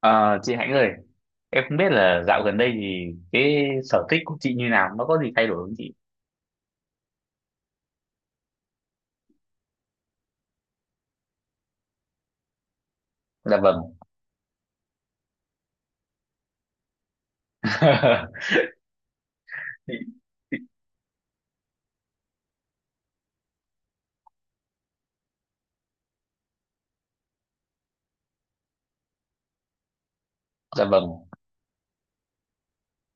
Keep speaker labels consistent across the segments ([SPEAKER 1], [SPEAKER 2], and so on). [SPEAKER 1] Ờ, chị Hạnh ơi, em không biết là dạo gần đây thì cái sở thích của chị như nào, nó có gì thay đổi không chị? Dạ vâng. Dạ vâng.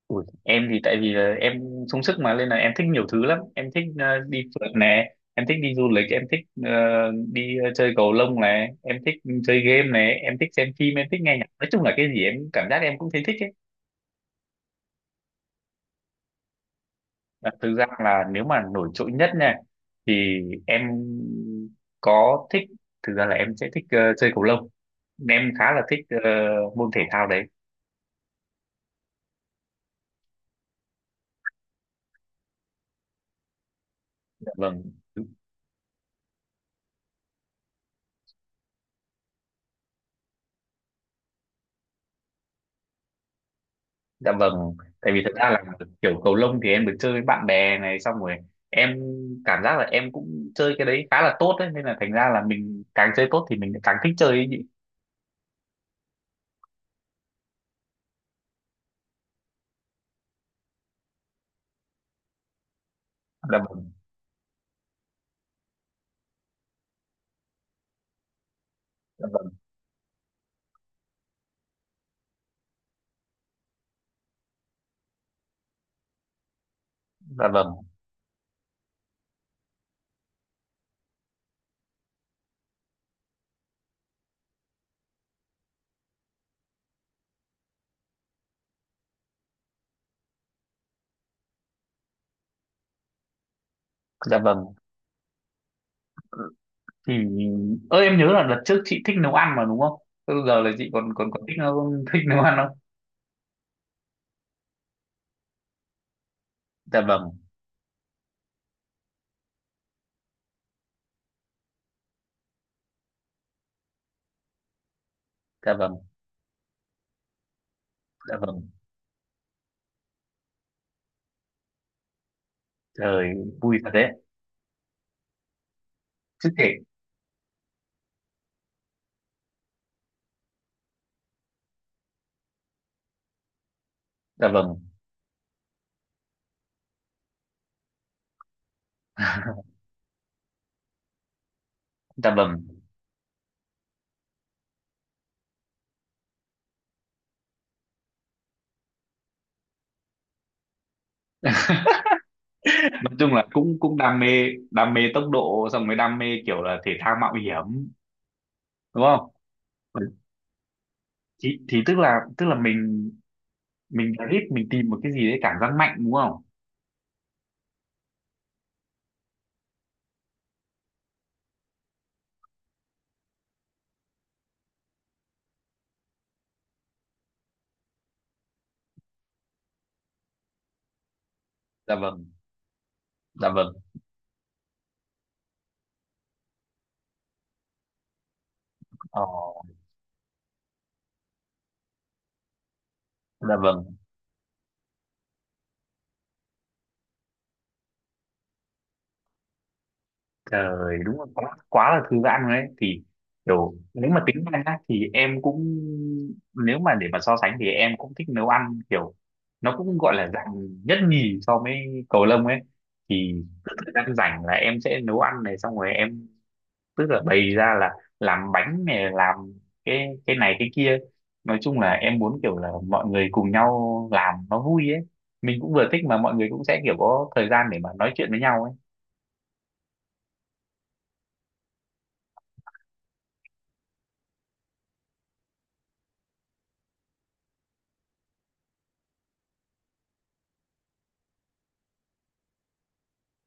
[SPEAKER 1] Ui, em thì tại vì là em sung sức mà nên là em thích nhiều thứ lắm. Em thích đi phượt nè, em thích đi du lịch, em thích ờ, đi chơi cầu lông này, em thích chơi game này, em thích xem phim, em thích nghe nhạc. Nói chung là cái gì em cảm giác em cũng thấy thích. À, thực ra là nếu mà nổi trội nhất nha thì em có thích, thực ra là em sẽ thích chơi cầu lông, em khá là thích môn thể thao đấy. Dạ vâng. Dạ vâng. Tại vì thực ra là kiểu cầu lông thì em được chơi với bạn bè này, xong rồi em cảm giác là em cũng chơi cái đấy khá là tốt đấy, nên là thành ra là mình càng chơi tốt thì mình càng thích chơi ấy nhỉ. Dạ vâng. Dạ vâng. Dạ vâng. Dạ vâng. Thì em nhớ là đợt trước chị thích nấu ăn mà đúng không? Thế giờ là chị còn còn còn thích nấu ăn không? Dạ vâng. Dạ vâng. Dạ vâng. Trời, vui thật đấy. Chứ kể. Dạ vâng. Dạ vâng. Nói chung là cũng cũng đam mê, đam mê tốc độ xong mới đam mê kiểu là thể thao mạo hiểm đúng không? Thì tức là mình thích, mình tìm một cái gì đấy cảm giác mạnh đúng không? Dạ vâng. Dạ vâng. Ờ. Dạ vâng. Trời, đúng là quá quá là thư giãn rồi đấy. Thì kiểu nếu mà tính ra nhá, thì em cũng, nếu mà để mà so sánh thì em cũng thích nấu ăn, kiểu nó cũng gọi là dạng nhất nhì so với cầu lông ấy, thì cứ thời gian rảnh là em sẽ nấu ăn này, xong rồi em tức là bày ra là làm bánh này, làm cái này cái kia. Nói chung là em muốn kiểu là mọi người cùng nhau làm nó vui ấy, mình cũng vừa thích mà mọi người cũng sẽ kiểu có thời gian để mà nói chuyện với nhau ấy.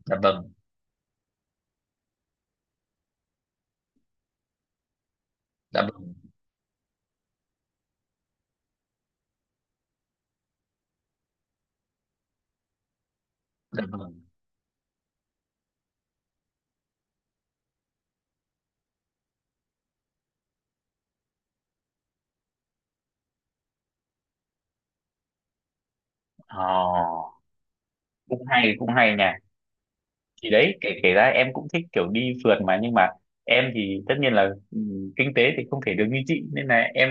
[SPEAKER 1] Dạ vâng. Dạ vâng. Dạ vâng. Ờ, cũng hay cũng hay nha. Thì đấy, kể kể ra em cũng thích kiểu đi phượt mà, nhưng mà em thì tất nhiên là, ừ, kinh tế thì không thể được như chị nên là em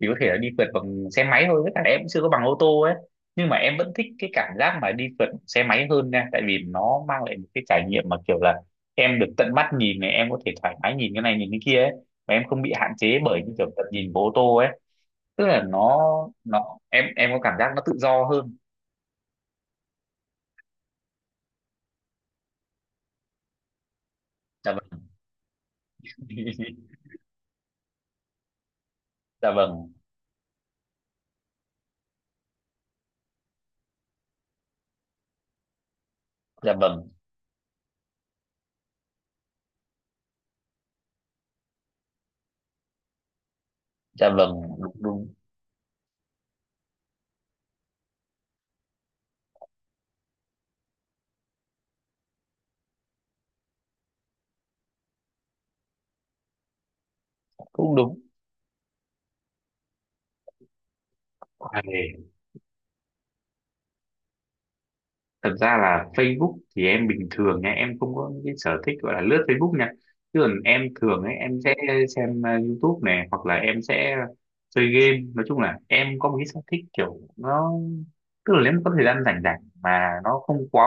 [SPEAKER 1] chỉ có thể là đi phượt bằng xe máy thôi, với cả em cũng chưa có bằng ô tô ấy. Nhưng mà em vẫn thích cái cảm giác mà đi phượt xe máy hơn nha, tại vì nó mang lại một cái trải nghiệm mà kiểu là em được tận mắt nhìn này, em có thể thoải mái nhìn cái này nhìn cái kia ấy, và em không bị hạn chế bởi những kiểu tận nhìn của ô tô ấy. Tức là nó em có cảm giác nó tự do hơn. Dạ vâng. Dạ vâng. Dạ vâng. Dạ vâng. Đúng đúng. Cũng đúng. Ê, thật ra là Facebook thì em bình thường nha, em không có cái sở thích gọi là lướt Facebook nha, chứ còn em thường ấy em sẽ xem YouTube này, hoặc là em sẽ chơi game. Nói chung là em có một cái sở thích kiểu nó, tức là nếu mà có thời gian rảnh rảnh mà nó không quá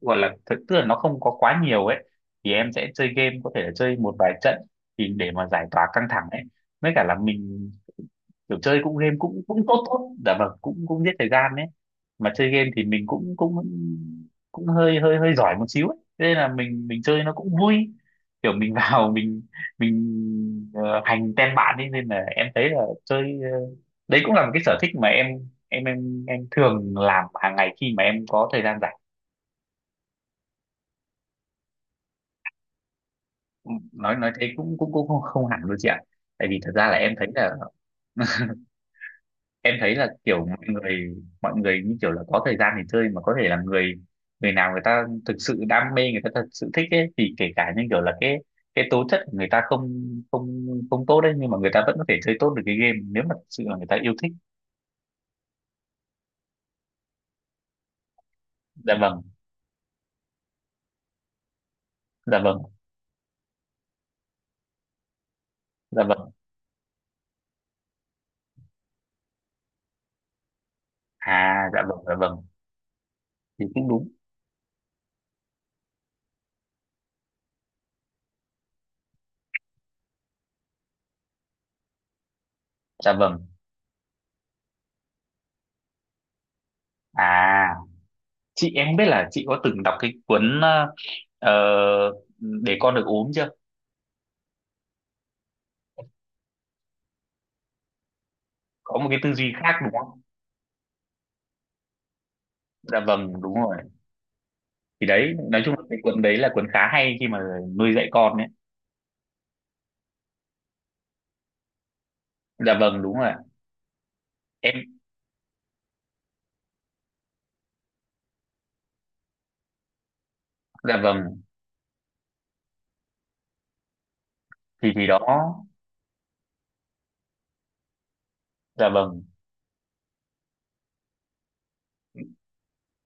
[SPEAKER 1] gọi là thật, tức là nó không có quá nhiều ấy, thì em sẽ chơi game, có thể là chơi một vài trận thì để mà giải tỏa căng thẳng ấy. Với cả là mình kiểu chơi cũng game cũng cũng tốt tốt, dạ vâng, cũng cũng giết thời gian đấy. Mà chơi game thì mình cũng cũng cũng hơi hơi hơi giỏi một xíu ấy. Thế nên là mình chơi nó cũng vui, kiểu mình vào mình hành tem bạn ấy. Nên là em thấy là chơi đấy cũng là một cái sở thích mà em thường làm hàng ngày khi mà em có thời gian rảnh. Nói thế cũng cũng cũng không, không hẳn luôn chị ạ. Tại vì thật ra là em thấy là kiểu mọi người như kiểu là có thời gian để chơi, mà có thể là người người nào người ta thực sự đam mê, người ta thật sự thích ấy, thì kể cả như kiểu là cái tố chất của người ta không, không tốt đấy, nhưng mà người ta vẫn có thể chơi tốt được cái game nếu mà thật sự là người ta yêu thích. Dạ vâng. Dạ vâng. Dạ vâng. À, dạ vâng. Dạ vâng. Thì cũng đúng. Dạ vâng. À, chị em biết là chị có từng đọc cái cuốn ờ, để con được ốm chưa? Có một cái tư duy khác đúng không? Dạ vâng, đúng rồi. Thì đấy, nói chung là cái cuốn đấy là cuốn khá hay khi mà nuôi dạy con đấy. Dạ vâng, đúng rồi ạ. Em. Dạ vâng. Thì đó. Dạ vâng.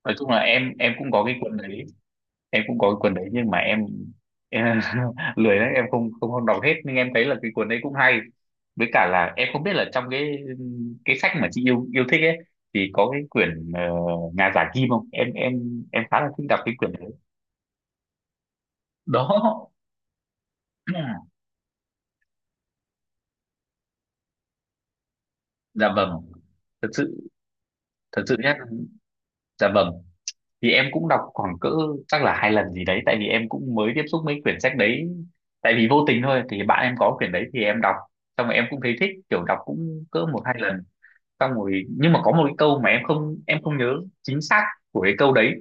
[SPEAKER 1] Nói chung là em cũng có cái cuốn đấy. Em cũng có cái cuốn đấy nhưng mà em, em lười đấy, em không không không đọc hết. Nhưng em thấy là cái cuốn đấy cũng hay, với cả là em không biết là trong cái sách mà chị yêu yêu thích ấy thì có cái quyển Nhà giả kim không? Em khá là thích đọc cái quyển đấy. Đó. Dạ vâng. Thật sự. Thật sự nhé. Dạ vâng. Thì em cũng đọc khoảng cỡ, chắc là 2 lần gì đấy, tại vì em cũng mới tiếp xúc mấy quyển sách đấy. Tại vì vô tình thôi, thì bạn em có quyển đấy thì em đọc, xong rồi em cũng thấy thích kiểu đọc cũng cỡ 1-2 lần. Xong rồi nhưng mà có một cái câu mà em không nhớ chính xác của cái câu đấy,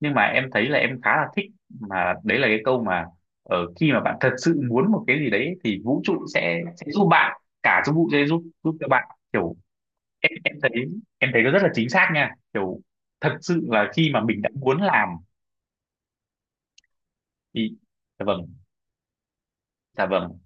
[SPEAKER 1] nhưng mà em thấy là em khá là thích, mà đấy là cái câu mà ở khi mà bạn thật sự muốn một cái gì đấy thì vũ trụ sẽ giúp bạn, cả vũ trụ sẽ giúp giúp cho bạn. Kiểu em em thấy em thấy nó rất là chính xác nha, kiểu thật sự là khi mà mình đã muốn làm. Ý. Dạ vâng. Dạ vâng.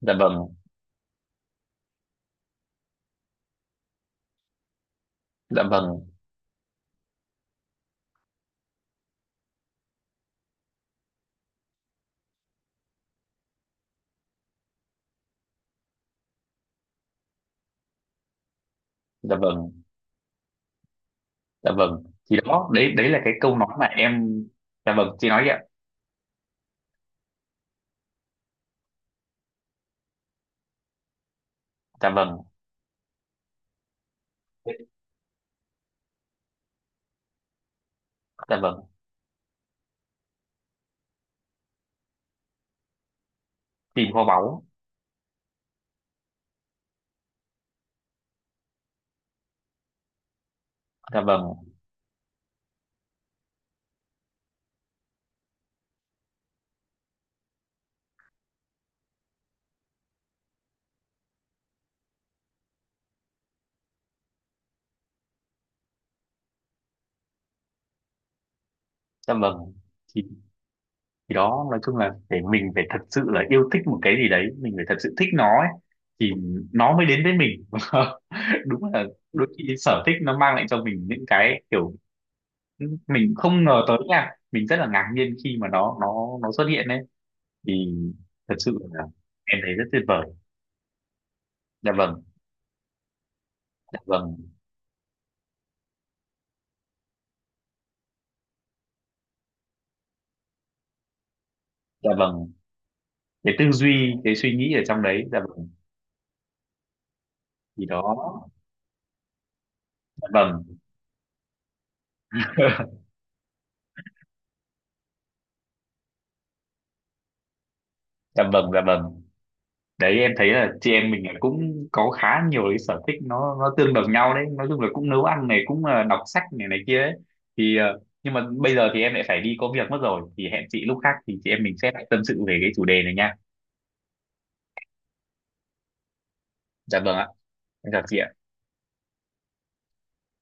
[SPEAKER 1] Dạ vâng. Dạ vâng. Dạ vâng. Dạ vâng. Thì đó, đấy đấy là cái câu nói mà em. Dạ vâng, chị nói đi ạ. Dạ vâng. Dạ vâng. Tìm kho báu. Dạ vâng. Dạ vâng. Thì, thì đó, nói chung là để mình phải thật sự là yêu thích một cái gì đấy, mình phải thật sự thích nó ấy, thì nó mới đến với mình. Đúng là đôi khi sở thích nó mang lại cho mình những cái kiểu mình không ngờ tới nha, mình rất là ngạc nhiên khi mà nó xuất hiện đấy. Thì thật sự là em thấy rất tuyệt vời. Dạ vâng. Dạ vâng. Dạ vâng. Cái tư duy cái suy nghĩ ở trong đấy. Dạ vâng. Thì đó. Dạ vâng. Dạ vâng. Dạ vâng. Đấy, em thấy là chị em mình là cũng có khá nhiều cái sở thích nó tương đồng nhau đấy, nói chung là cũng nấu ăn này, cũng là đọc sách này này kia ấy. Thì nhưng mà bây giờ thì em lại phải đi có việc mất rồi, thì hẹn chị lúc khác thì chị em mình sẽ lại tâm sự về cái chủ đề này nha. Dạ vâng ạ. Em chào chị ạ.